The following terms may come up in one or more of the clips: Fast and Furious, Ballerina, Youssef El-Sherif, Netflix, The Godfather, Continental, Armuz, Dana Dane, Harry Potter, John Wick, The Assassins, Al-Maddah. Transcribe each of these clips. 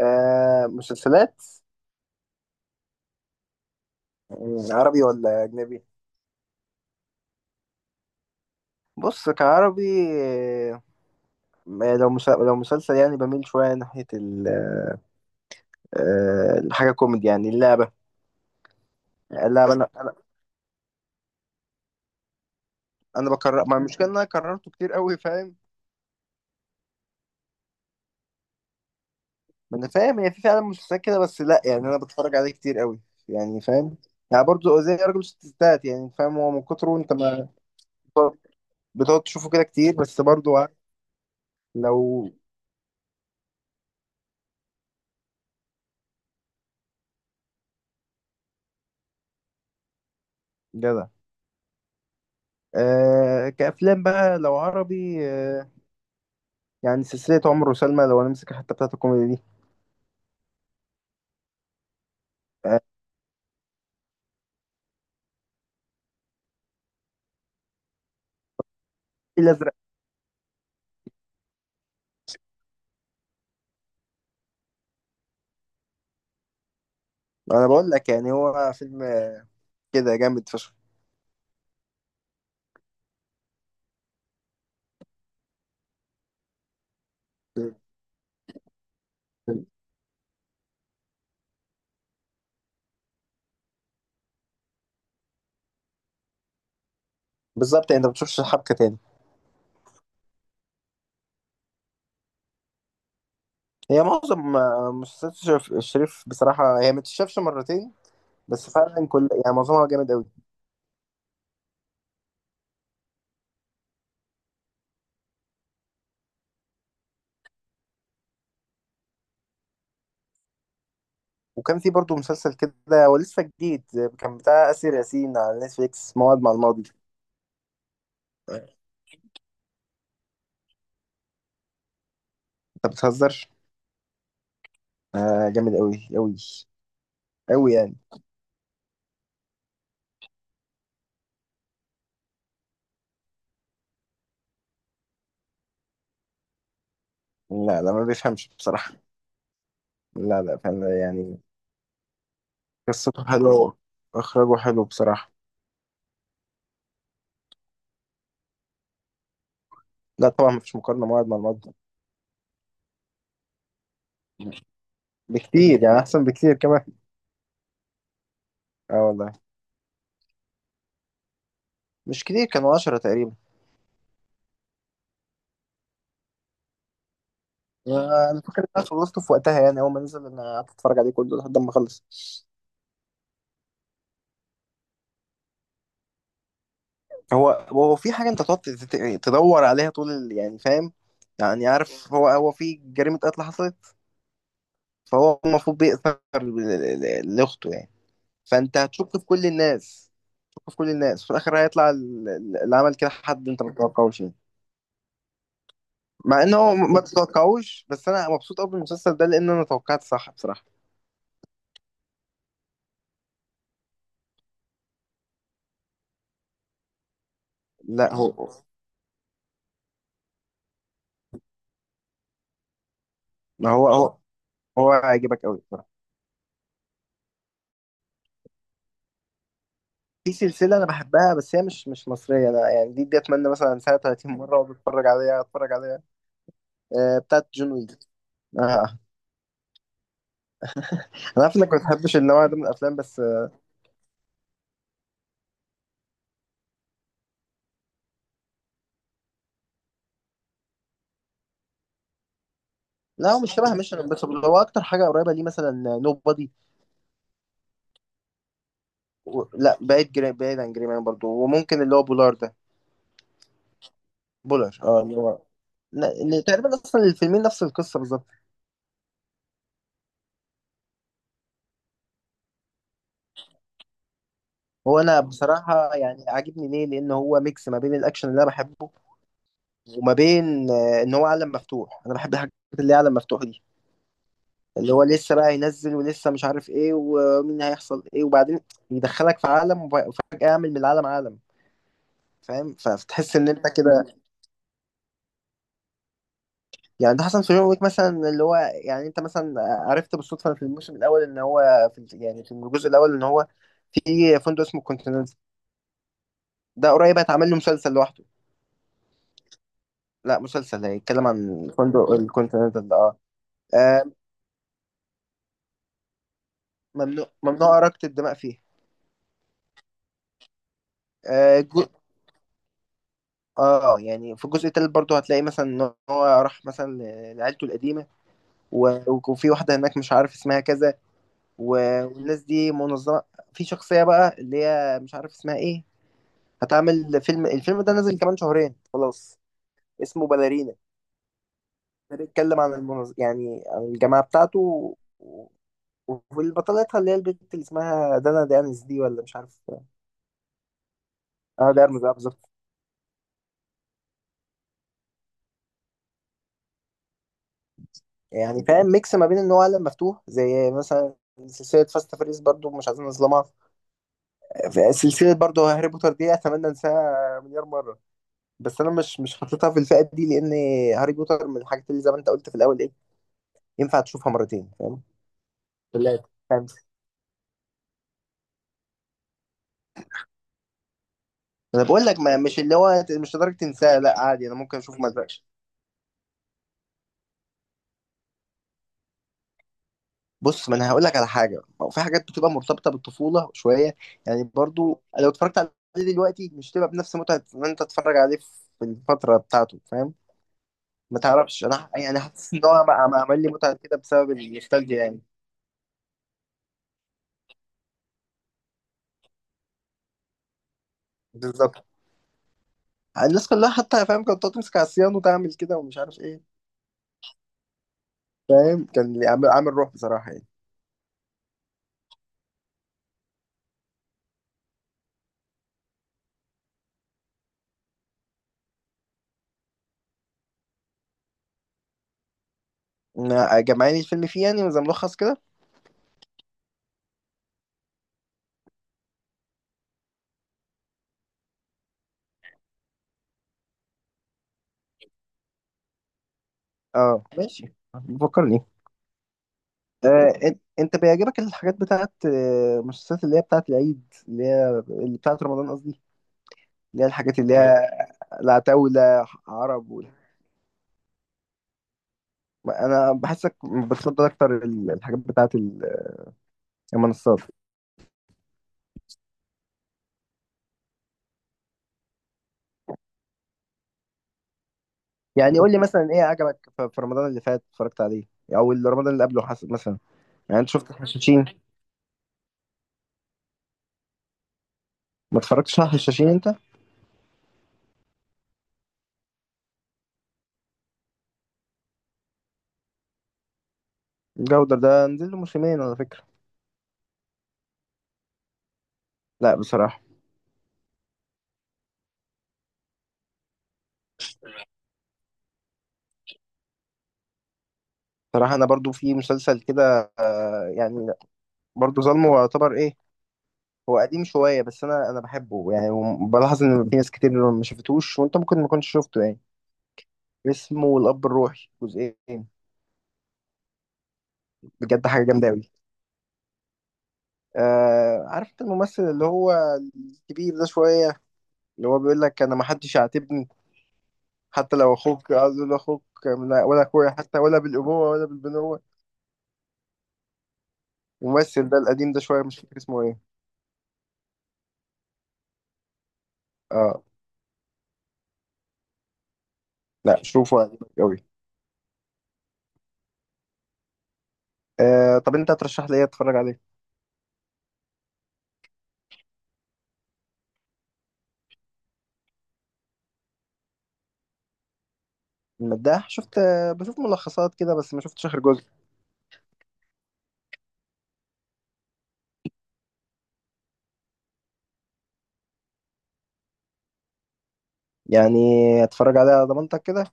آه مسلسلات. عربي ولا أجنبي؟ بص كعربي. آه، لو مسلسل يعني بميل شوية ناحية الحاجة كوميدي يعني اللعبة. يعني اللعبة أنا بكرر، ما المشكلة إن أنا كررته كتير قوي، فاهم؟ ما أنا فاهم، هي في فعلا مسلسلات كده، بس لأ يعني أنا بتفرج عليه كتير قوي، يعني فاهم؟ يعني برضه زي راجل ستات، يعني فاهم، هو من كتره أنت ما بتقعد تشوفه كده كتير، بس برضه لو جدع. آه كأفلام بقى، لو عربي، يعني سلسلة عمر وسلمى، لو هنمسك حتى بتاعت الكوميدي دي. آه، الأزرق. أنا بقول لك يعني هو فيلم كده جامد فشخ. بالظبط، يعني أنت ما بتشوفش حبكة تاني. هي معظم مسلسلات الشريف بصراحة هي ما تتشافش مرتين، بس فعلا كل يعني معظمها جامد قوي. وكان في برضه مسلسل كده، هو لسه جديد، كان بتاع آسر ياسين على نتفليكس، موعد مع الماضي. آه، أنت بتهزر. آه جامد قوي يعني. لا لا ما بيفهمش بصراحة. لا لا فعلا يعني. قصته حلوة وإخراجه حلو بصراحة. لا طبعا مفيش مقارنة، موعد مع الموعد بكتير يعني، أحسن بكتير كمان. اه والله. مش كتير، كانوا 10 تقريبا. أنا فاكر إن أنا خلصته في وقتها، يعني أول ما نزل أنا قعدت أتفرج عليه كله لحد ما خلص. هو في حاجة أنت تقعد تدور عليها طول يعني فاهم، يعني عارف، هو في جريمة قتل حصلت. فهو المفروض بيأثر لأخته يعني. فأنت هتشك في كل الناس، تشك في كل الناس، في الآخر هيطلع اللي عمل كده حد أنت ما تتوقعوش يعني. مع ان هو ما تتوقعوش، بس انا مبسوط قوي بالمسلسل ده لان انا توقعت صح بصراحه. لا هو، ما هو، هو هيعجبك قوي بصراحه. في سلسله انا بحبها بس هي مش مصريه، انا يعني دي اتمنى مثلا سنه 30 مره اقعد اتفرج عليها اتفرج عليها. آه بتاعت جون ويك. آه. آه. انا عارف انك ما بتحبش النوع ده من الافلام، بس لا هو مش شبه ميشن امبوسيبل، هو اكتر حاجه قريبه ليه مثلا نو بادي. لا بعيد، بعيد عن جري مان برضه، وممكن اللي هو بولار ده. بولار اه اللي هو، لا، اللي تقريبا اصلا الفيلمين نفس القصه بالظبط. هو انا بصراحه يعني عاجبني ليه لان هو ميكس ما بين الاكشن اللي انا بحبه، وما بين ان هو عالم مفتوح، انا بحب الحاجات اللي هي عالم مفتوح دي، اللي هو لسه بقى ينزل ولسه مش عارف ايه ومين هيحصل ايه، وبعدين يدخلك في عالم وفجاه يعمل من العالم عالم. فاهم فتحس ان انت كده. يعني ده حصل في جون ويك مثلا، اللي هو يعني انت مثلا عرفت بالصدفه في الموسم الاول ان هو في، يعني في الجزء الاول ان هو في فندق اسمه كونتيننتال. ده قريب هيتعمل له مسلسل لوحده. لا مسلسل هيتكلم عن فندق الكونتيننتال اه. آه، ممنوع إراقة الدماء فيه. آه جو... اه يعني في الجزء التالت برضه هتلاقي مثلا ان هو راح مثلا لعيلته القديمه و... وفي واحده هناك مش عارف اسمها كذا و... والناس دي منظمه. في شخصيه بقى اللي هي مش عارف اسمها ايه، هتعمل فيلم، الفيلم ده نازل كمان شهرين خلاص، اسمه باليرينا. ده بيتكلم عن يعني عن الجماعه بتاعته و... وفي بطلتها اللي هي البنت اللي اسمها دانا دانس دي، ولا مش عارف. اه ده ارمز اه بالظبط. يعني فاهم، ميكس ما بين ان هو عالم مفتوح، زي مثلا سلسلة فاست فريز برضو مش عايزين نظلمها. في سلسلة برضو هاري بوتر دي، اتمنى انساها مليار مرة، بس انا مش حاططها في الفئة دي، لان هاري بوتر من الحاجات اللي زي ما انت قلت في الاول ايه، ينفع تشوفها مرتين فاهم. ثلاثة خمسة، انا بقول لك، ما مش اللي هو مش لدرجة تنساها، لا عادي انا ممكن اشوف ما ازهقش. بص ما انا هقول لك على حاجه، هو في حاجات بتبقى مرتبطه بالطفوله شويه. يعني برضو لو اتفرجت عليه دلوقتي مش تبقى بنفس متعه ان انت تتفرج عليه في الفتره بتاعته فاهم. ما تعرفش، انا يعني حاسس ان هو بقى ما عمل لي متعه كده بسبب النوستالجيا يعني. بالظبط. الناس كلها حتى فاهم كانت تقعد تمسك على الصيان وتعمل كده ومش عارف ايه. فاهم كان عامل روح بصراحه يعني. إن جمعاني الفيلم فيه يعني زي ملخص كده. اه ماشي بفكرني. انت بيعجبك الحاجات بتاعت المسلسلات اللي هي بتاعت العيد، اللي هي اللي بتاعت رمضان قصدي، اللي هي الحاجات اللي أيوة. هي العتاولة، عرب وال... انا بحسك بتفضل اكتر الحاجات بتاعت المنصات. يعني قول لي مثلا ايه عجبك في رمضان اللي فات اتفرجت عليه، او اللي رمضان اللي قبله حسب مثلا. يعني انت شفت الحشاشين؟ ما اتفرجتش على الحشاشين انت. الجودر ده نزل له موسمين على فكرة. لا بصراحة. بصراحة انا برضو في مسلسل كده، يعني برضو ظلمه يعتبر ايه. هو قديم شوية بس أنا بحبه يعني، وبلاحظ إن في ناس كتير ما شافتوش وأنت ممكن ما كنتش شفته يعني. اسمه الأب الروحي، جزئين. بجد حاجة جامدة أوي. آه عارف أنت الممثل اللي هو الكبير ده شوية، اللي هو بيقول لك أنا ما حدش يعاتبني حتى لو أخوك، عايز أقول أخوك ولا أخويا حتى، ولا بالأبوة ولا بالبنوة. الممثل ده القديم ده شوية مش فاكر اسمه إيه. آه لا شوفه هيعجبك أوي. آه طب أنت هترشح لي إيه أتفرج عليه؟ المداح شفت، بشوف ملخصات كده بس ما شفتش آخر جزء. يعني اتفرج عليها على ضمانتك كده؟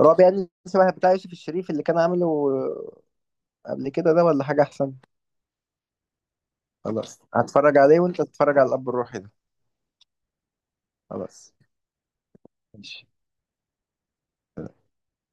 رعب يعني شبه بتاع يوسف الشريف اللي كان عامله قبل كده ده، ولا حاجة أحسن؟ خلاص هتفرج عليه وأنت تتفرج على الأب الروحي ده. خلاص ماشي.